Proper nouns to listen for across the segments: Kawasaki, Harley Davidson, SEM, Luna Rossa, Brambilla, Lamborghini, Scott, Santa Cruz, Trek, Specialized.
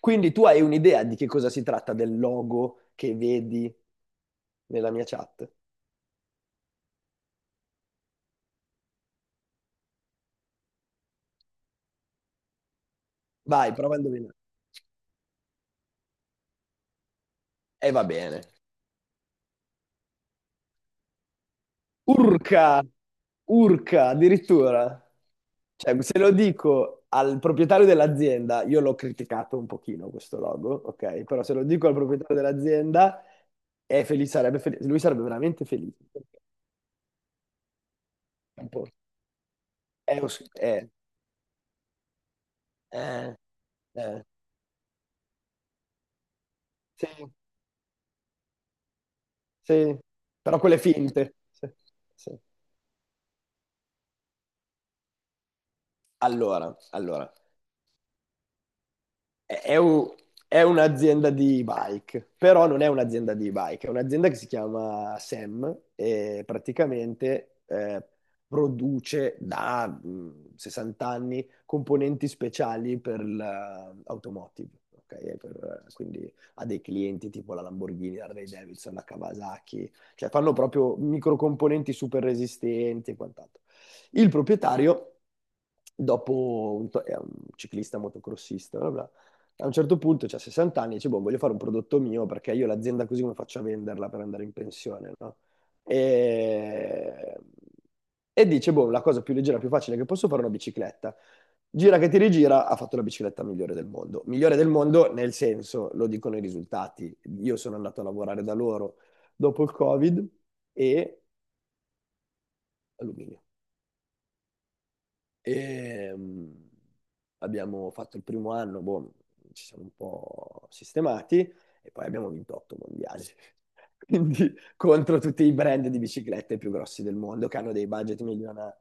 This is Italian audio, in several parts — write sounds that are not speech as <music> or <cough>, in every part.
Quindi tu hai un'idea di che cosa si tratta del logo che vedi nella mia chat? Vai, prova a indovinare. E va bene. Urca, urca, addirittura. Cioè, se lo dico al proprietario dell'azienda, io l'ho criticato un pochino questo logo, ok? Però se lo dico al proprietario dell'azienda, è felice, sarebbe felice, lui sarebbe veramente felice, perché È, un po'- è os- è- eh, eh, sì, sì, però quelle finte. Sì, sì. Allora, allora. è, è un- è un'azienda di bike, però non è un'azienda di bike, è un'azienda che si chiama SEM e praticamente produce da 60 anni componenti speciali per l'automotive, ok? Quindi ha dei clienti tipo la Lamborghini, la Harley Davidson, la Kawasaki, cioè fanno proprio microcomponenti super resistenti e quant'altro. Il proprietario, è un ciclista motocrossista, bla bla, a un certo punto, c'ha 60 anni, e dice, boh, voglio fare un prodotto mio perché io l'azienda così come faccio a venderla per andare in pensione, no? E... e dice, boh, la cosa più leggera, più facile che posso fare è una bicicletta. Gira che ti rigira, ha fatto la bicicletta migliore del mondo. Migliore del mondo nel senso, lo dicono i risultati. Io sono andato a lavorare da loro dopo il Covid e alluminio. E, mh, Abbiamo fatto il primo anno, boh, ci siamo un po' sistemati e poi abbiamo vinto otto mondiali. <laughs> Quindi contro tutti i brand di biciclette più grossi del mondo che hanno dei budget milionari.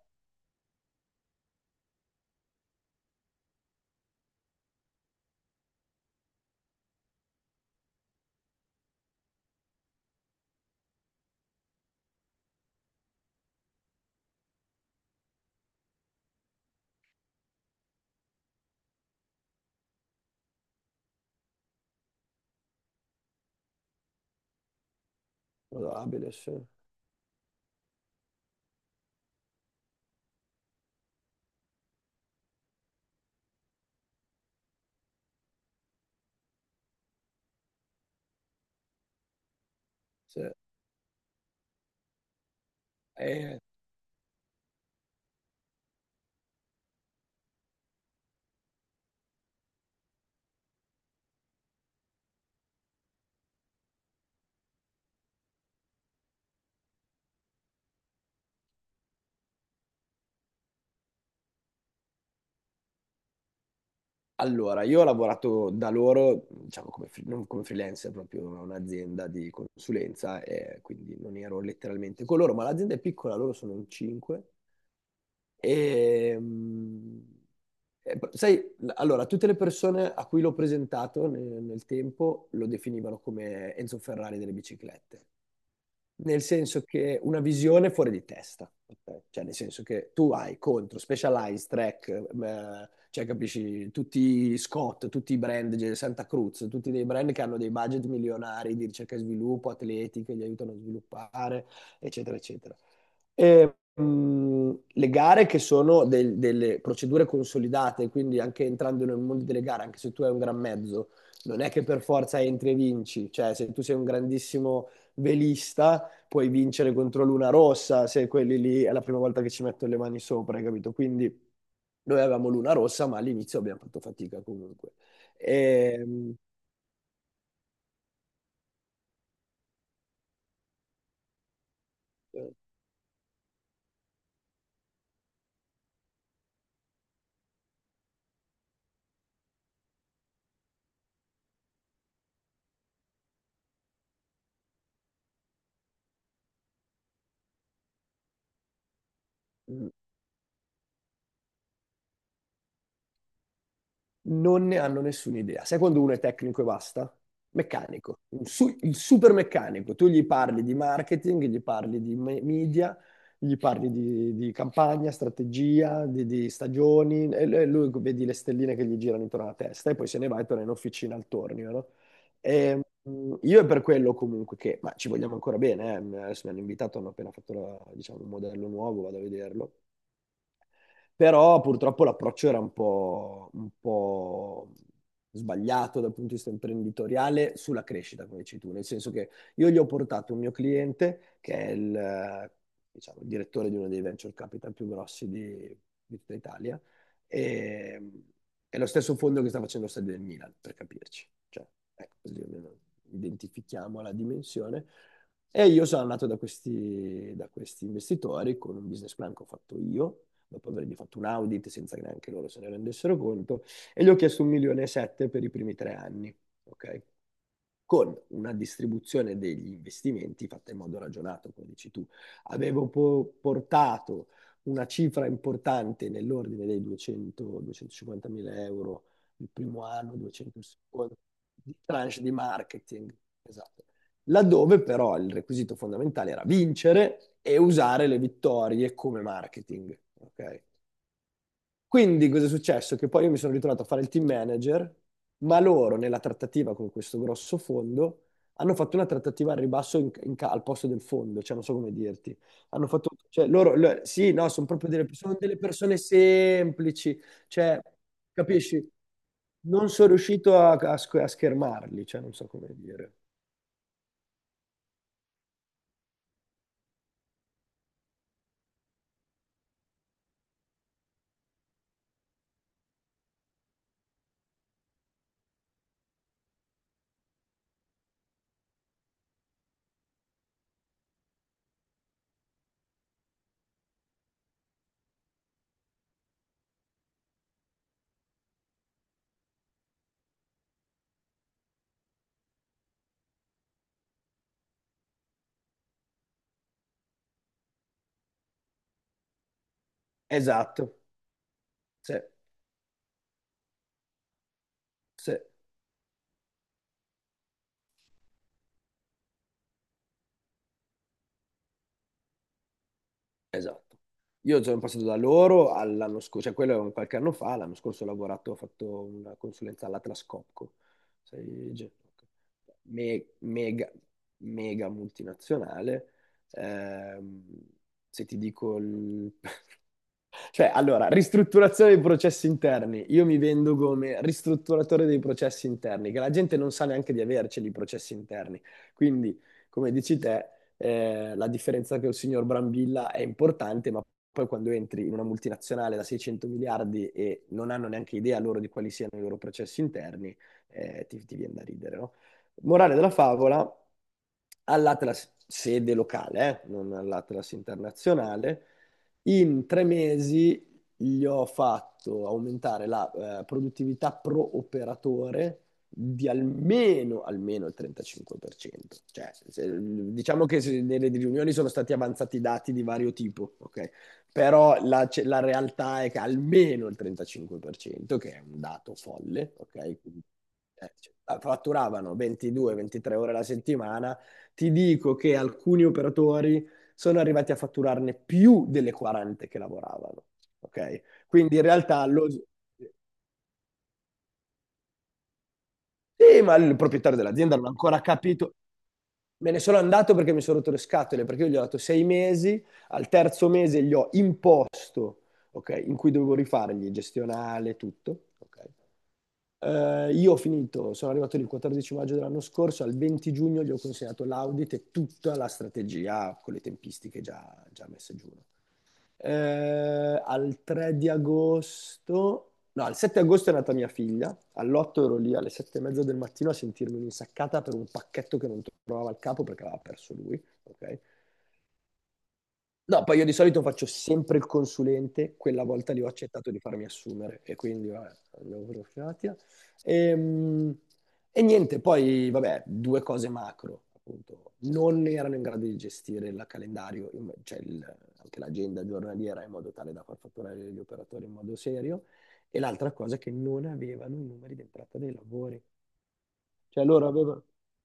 Probabile, sì. Sì. E allora, io ho lavorato da loro, diciamo, non come freelancer, proprio a un'azienda di consulenza, e quindi non ero letteralmente con loro, ma l'azienda è piccola, loro sono in cinque. E, mh, Sai, allora, tutte le persone a cui l'ho presentato nel tempo lo definivano come Enzo Ferrari delle biciclette, nel senso che una visione fuori di testa, ok? Cioè nel senso che tu hai contro Specialized, Trek, cioè capisci, tutti i Scott, tutti i brand, cioè, Santa Cruz, tutti dei brand che hanno dei budget milionari di ricerca e sviluppo, atleti che li aiutano a sviluppare, eccetera, eccetera. Le gare che sono delle procedure consolidate, quindi anche entrando nel mondo delle gare, anche se tu hai un gran mezzo, non è che per forza entri e vinci, cioè se tu sei un grandissimo velista puoi vincere contro Luna Rossa se quelli lì è la prima volta che ci metto le mani sopra, hai capito? Quindi noi avevamo Luna Rossa, ma all'inizio abbiamo fatto fatica comunque. E, mh, Non ne hanno nessuna idea. Sai quando uno è tecnico e basta? Meccanico, il super meccanico. Tu gli parli di marketing, gli parli di media, gli parli di, campagna, strategia, di stagioni, e lui vedi le stelline che gli girano intorno alla testa e poi se ne va e torna in officina al tornio, no? Io è per quello comunque che, ma ci vogliamo ancora bene, eh. Adesso mi hanno invitato, hanno appena fatto diciamo, un modello nuovo, vado a vederlo. Però purtroppo l'approccio era un po' sbagliato dal punto di vista imprenditoriale sulla crescita, come dici tu, nel senso che io gli ho portato un mio cliente che è il, diciamo, il direttore di uno dei venture capital più grossi di tutta Italia e è lo stesso fondo che sta facendo lo stadio del Milan, per capirci. Cioè, ecco, così almeno identifichiamo la dimensione. E io sono andato da questi investitori con un business plan che ho fatto io, dopo avergli fatto un audit senza che neanche loro se ne rendessero conto, e gli ho chiesto un milione e sette per i primi 3 anni, ok? Con una distribuzione degli investimenti fatta in modo ragionato, come dici tu. Avevo portato una cifra importante nell'ordine dei 200-250 mila euro il primo anno, 200 il secondo, di tranche di marketing, esatto, laddove però il requisito fondamentale era vincere e usare le vittorie come marketing, ok? Quindi cosa è successo? Che poi io mi sono ritrovato a fare il team manager, ma loro nella trattativa con questo grosso fondo hanno fatto una trattativa al ribasso al posto del fondo, cioè non so come dirti. Hanno fatto, cioè loro, sì, no, sono proprio delle persone semplici, cioè, capisci? Non sono riuscito a schermarli, cioè non so come dire. Esatto, sì. Sì, esatto. Io sono passato da loro all'anno scorso, cioè quello è un qualche anno fa, l'anno scorso ho lavorato, ho fatto una consulenza all'Atlas Copco, sai, mega, mega multinazionale. Ehm, se ti dico il Cioè, allora, ristrutturazione dei processi interni. Io mi vendo come ristrutturatore dei processi interni, che la gente non sa neanche di averceli i processi interni. Quindi, come dici te, la differenza che il signor Brambilla è importante, ma poi quando entri in una multinazionale da 600 miliardi e non hanno neanche idea loro di quali siano i loro processi interni, ti viene da ridere, no? Morale della favola, all'Atlas sede locale, non all'Atlas internazionale, in 3 mesi gli ho fatto aumentare la produttività pro operatore di almeno il 35%. Cioè, diciamo che nelle riunioni sono stati avanzati dati di vario tipo, ok? Però la, la realtà è che almeno il 35%, che è un dato folle, ok? Quindi, cioè, fatturavano 22-23 ore alla settimana. Ti dico che alcuni operatori sono arrivati a fatturarne più delle 40 che lavoravano. Ok? Quindi in realtà lo. Sì, ma il proprietario dell'azienda non ha ancora capito. Me ne sono andato perché mi sono rotto le scatole, perché io gli ho dato 6 mesi, al terzo mese gli ho imposto, ok, in cui dovevo rifargli gestionale, tutto, ok? Io ho finito, sono arrivato il 14 maggio dell'anno scorso, al 20 giugno gli ho consegnato l'audit e tutta la strategia con le tempistiche già messe giù, no? Al 3 di agosto, no, al 7 agosto è nata mia figlia, all'8 ero lì alle 7 e mezza del mattino a sentirmi un'insaccata per un pacchetto che non trovava il capo perché aveva perso lui, ok? No, poi io di solito faccio sempre il consulente, quella volta lì ho accettato di farmi assumere e quindi vabbè, abbiamo profilatia. Ehm, E, niente, poi vabbè, due cose macro, appunto. Non erano in grado di gestire il calendario, cioè anche l'agenda giornaliera in modo tale da far fatturare gli operatori in modo serio. E l'altra cosa è che non avevano i numeri d'entrata dei lavori. Cioè loro avevano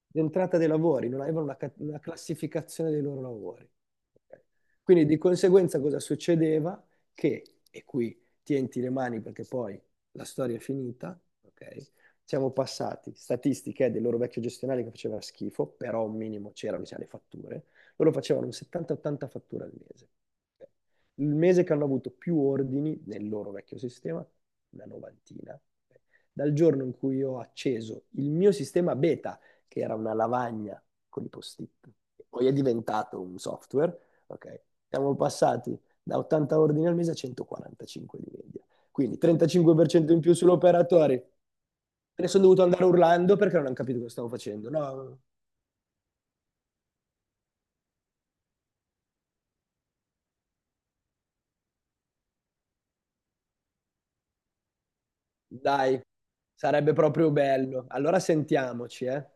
l'entrata dei lavori, non avevano una classificazione dei loro lavori, ok? Quindi di conseguenza cosa succedeva? Che, e qui tienti le mani perché poi la storia è finita, ok? Siamo passati, statistiche del loro vecchio gestionale che faceva schifo, però un minimo c'erano, le fatture, loro facevano un 70-80 fatture al mese, ok? Il mese che hanno avuto più ordini nel loro vecchio sistema, una novantina, ok? Dal giorno in cui ho acceso il mio sistema beta, che era una lavagna con i post-it, e poi è diventato un software, ok? Siamo passati da 80 ordini al mese a 145 di media. Quindi 35% in più sull'operatore. Me ne sono dovuto andare urlando perché non hanno capito cosa stavo facendo. No, dai, sarebbe proprio bello. Allora sentiamoci, eh.